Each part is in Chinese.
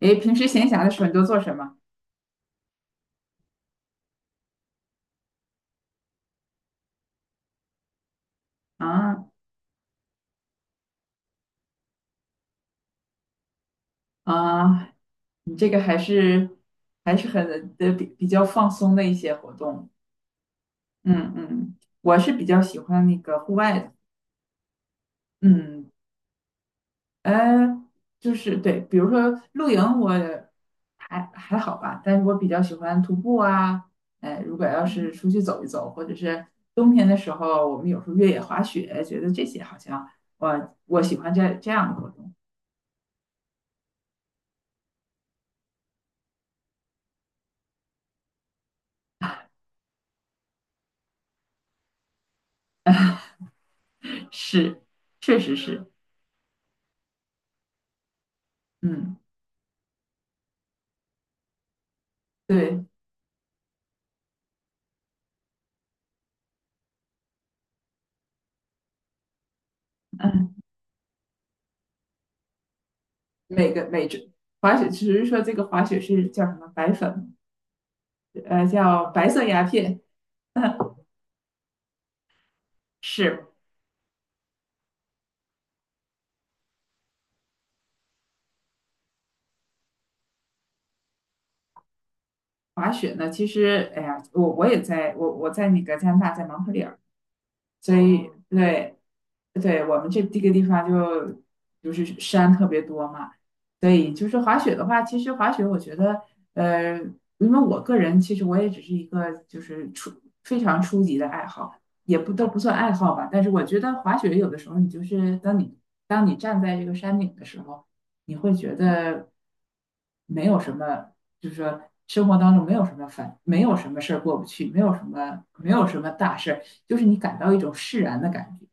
诶，平时闲暇的时候你都做什么啊？啊，你这个还是很的比较放松的一些活动。嗯嗯，我是比较喜欢那个户外的。嗯，呃，就是对，比如说露营我还好吧，但是我比较喜欢徒步啊。哎，如果要是出去走一走，或者是冬天的时候，我们有时候越野滑雪，觉得这些好像我喜欢这样的活动。是，确实是，嗯。对，嗯，每个每只滑雪，只是说这个滑雪是叫什么白粉，叫白色鸦片。是滑雪呢，其实，哎呀，我在那个加拿大，在蒙特利尔，所以哦对对，我们这个地方就是山特别多嘛，所以就是滑雪的话，其实滑雪我觉得，呃，因为我个人其实我也只是一个就是非常初级的爱好，也不都不算爱好吧，但是我觉得滑雪有的时候你就是当你站在这个山顶的时候，你会觉得没有什么，就是说生活当中没有什么烦，没有什么事儿过不去，没有什么大事儿，就是你感到一种释然的感觉，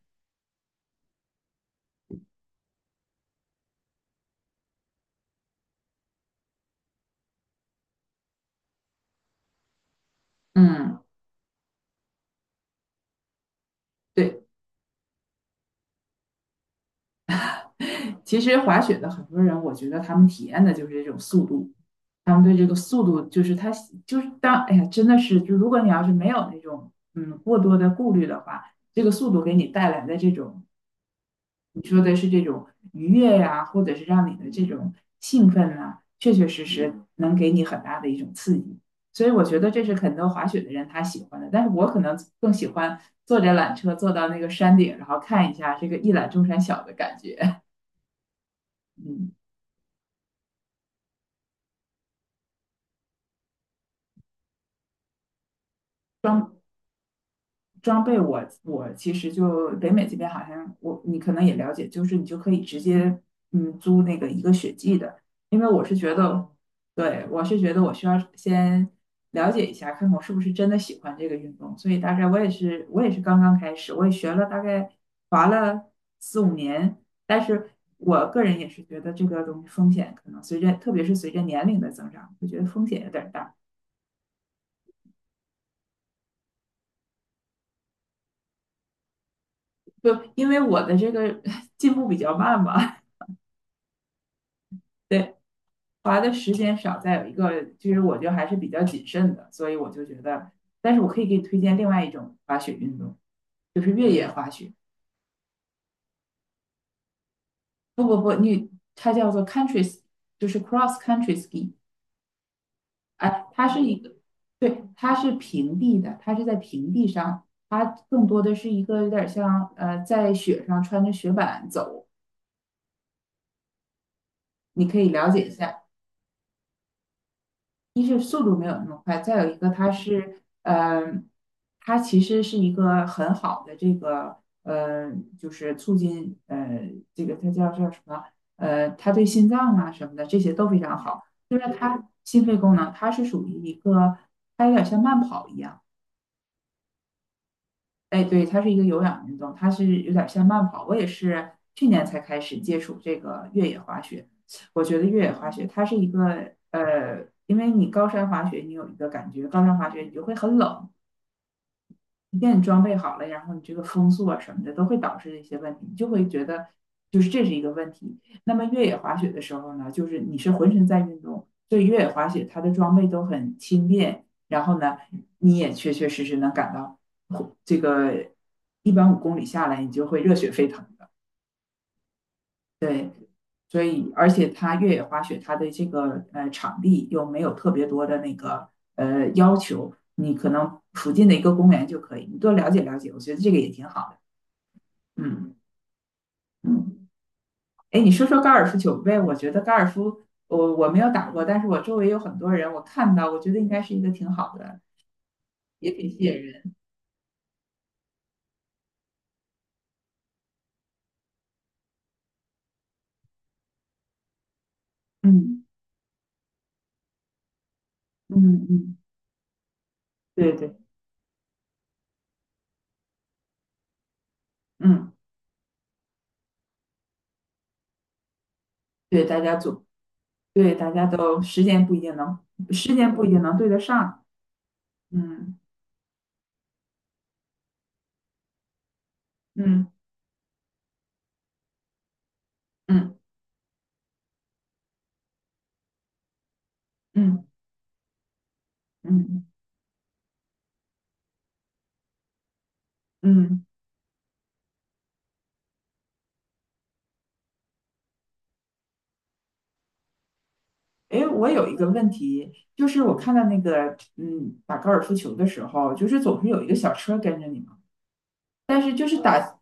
嗯。对，其实滑雪的很多人，我觉得他们体验的就是这种速度，他们对这个速度就是他就是当哎呀，真的是，就如果你要是没有那种过多的顾虑的话，这个速度给你带来的这种你说的是这种愉悦呀、或者是让你的这种兴奋啊，确确实实能给你很大的一种刺激。所以我觉得这是很多滑雪的人他喜欢的，但是我可能更喜欢坐着缆车坐到那个山顶，然后看一下这个一览众山小的感觉，嗯。装装备我，我其实就北美这边好像我你可能也了解，就是你就可以直接租那个一个雪季的，因为我是觉得，哦对，我是觉得我需要先了解一下，看看我是不是真的喜欢这个运动，所以大概我也是刚刚开始，我也学了大概滑了四五年，但是我个人也是觉得这个东西风险可能随着特别是随着年龄的增长，我觉得风险有点儿大，就因为我的这个 进步比较慢吧。对，滑的时间少，再有一个就是我就还是比较谨慎的，所以我就觉得，但是我可以给你推荐另外一种滑雪运动，就是越野滑雪。不不不，它叫做 c o u n t r y s 就是 cross country ski，哎，它是一个，对，它是平地的，它是在平地上，它更多的是一个有点像在雪上穿着雪板走，你可以了解一下。一是速度没有那么快，再有一个它是，它其实是一个很好的这个，呃，就是促进，这个它叫什么，它对心脏啊什么的这些都非常好，就是它心肺功能，它是属于一个，它有点像慢跑一样。哎，对，它是一个有氧运动，它是有点像慢跑。我也是去年才开始接触这个越野滑雪。我觉得越野滑雪它是一个因为你高山滑雪，你有一个感觉，高山滑雪你就会很冷，一旦你装备好了，然后你这个风速啊什么的都会导致一些问题，你就会觉得就是这是一个问题。那么越野滑雪的时候呢，就是你是浑身在运动，所以越野滑雪它的装备都很轻便，然后呢，你也确确实实能感到这个一般5公里下来，你就会热血沸腾的。所以，而且它越野滑雪它的这个场地又没有特别多的那个要求，你可能附近的一个公园就可以，你多了解了解，我觉得这个也挺好的。嗯嗯，哎，你说说高尔夫球呗？我觉得高尔夫，我没有打过，但是我周围有很多人，我看到，我觉得应该是一个挺好的，也挺吸引人。嗯嗯嗯，对对，嗯对，大家组，对大家都时间不一定能对得上。嗯嗯嗯嗯嗯嗯，哎，我有一个问题，就是我看到那个，嗯，打高尔夫球的时候，就是总是有一个小车跟着你嘛。但是就是打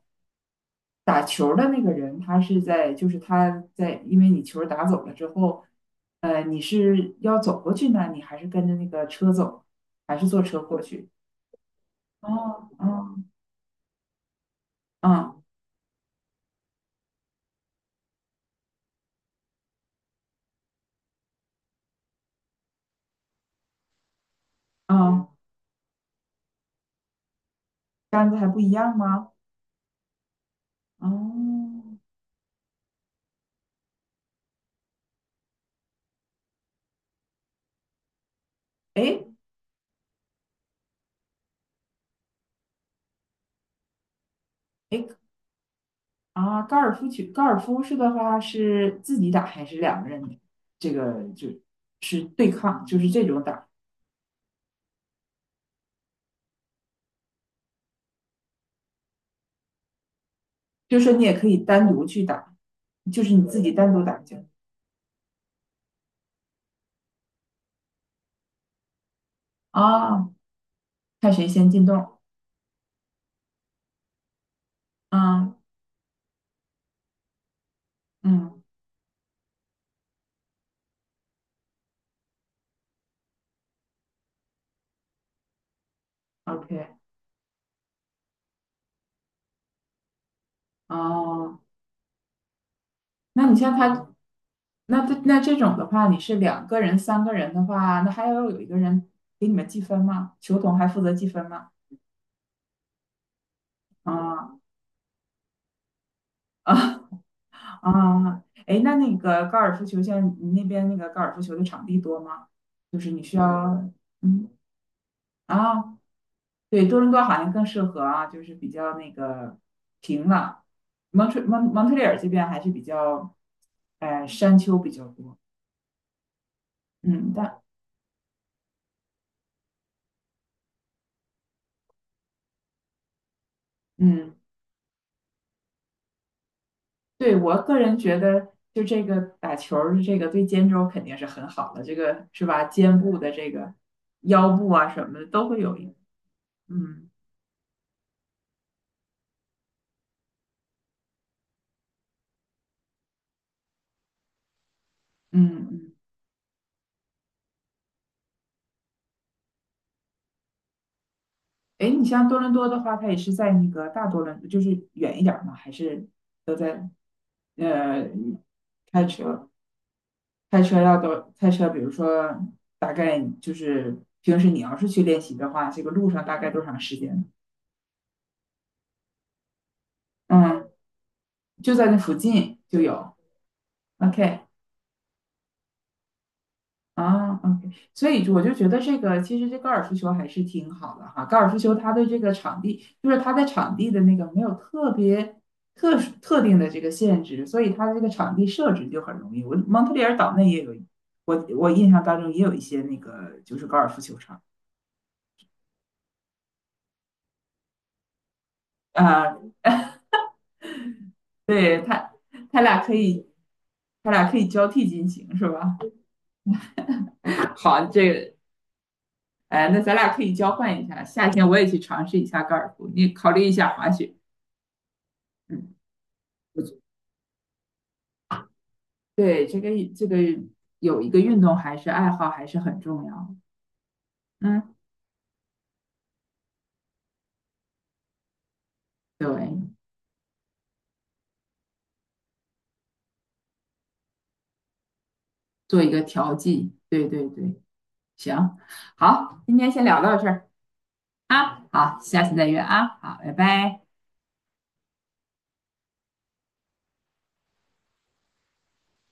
打球的那个人，他是在，就是他在，因为你球打走了之后，你是要走过去呢，你还是跟着那个车走，还是坐车过去？哦，哦，嗯嗯，杆子还不一样吗？哦，哎哎啊，高尔夫球，高尔夫是的话是自己打还是两个人？这个就是对抗，就是这种打，就是说你也可以单独去打，就是你自己单独打球啊，看谁先进洞。嗯嗯，OK，哦，那你像他，那他那这种的话，你是两个人、3个人的话，那还要有一个人给你们计分吗？球童还负责计分吗？啊啊 啊！哎，那个高尔夫球，像你那边那个高尔夫球的场地多吗？就是你需要，嗯啊，对，多伦多好像更适合啊，就是比较那个平了。蒙特利尔这边还是比较，山丘比较多。嗯，嗯，对，我个人觉得，就这个打球儿，这个对肩周肯定是很好的，这个是吧？肩部的这个腰部啊什么的都会有一，嗯嗯嗯。哎，你像多伦多的话，它也是在那个大多伦，就是远一点儿吗？还是都在呃开车？开车要多开车，比如说大概就是平时你要是去练习的话，这个路上大概多长时间？嗯，就在那附近就有。OK，啊，OK，所以我就觉得这个其实这高尔夫球还是挺好的哈。高尔夫球它的这个场地，就是它在场地的那个没有特别特殊特定的这个限制，所以它的这个场地设置就很容易。我蒙特利尔岛内也有，我印象当中也有一些那个就是高尔夫球场啊，对，它俩可以它俩可以交替进行是吧？好，这个哎，那咱俩可以交换一下，夏天我也去尝试一下高尔夫，你考虑一下滑雪，嗯。对，这个有一个运动还是爱好还是很重要嗯，对，做一个调剂。对对对，行，好，今天先聊到这儿啊，好，下次再约啊，好，拜拜。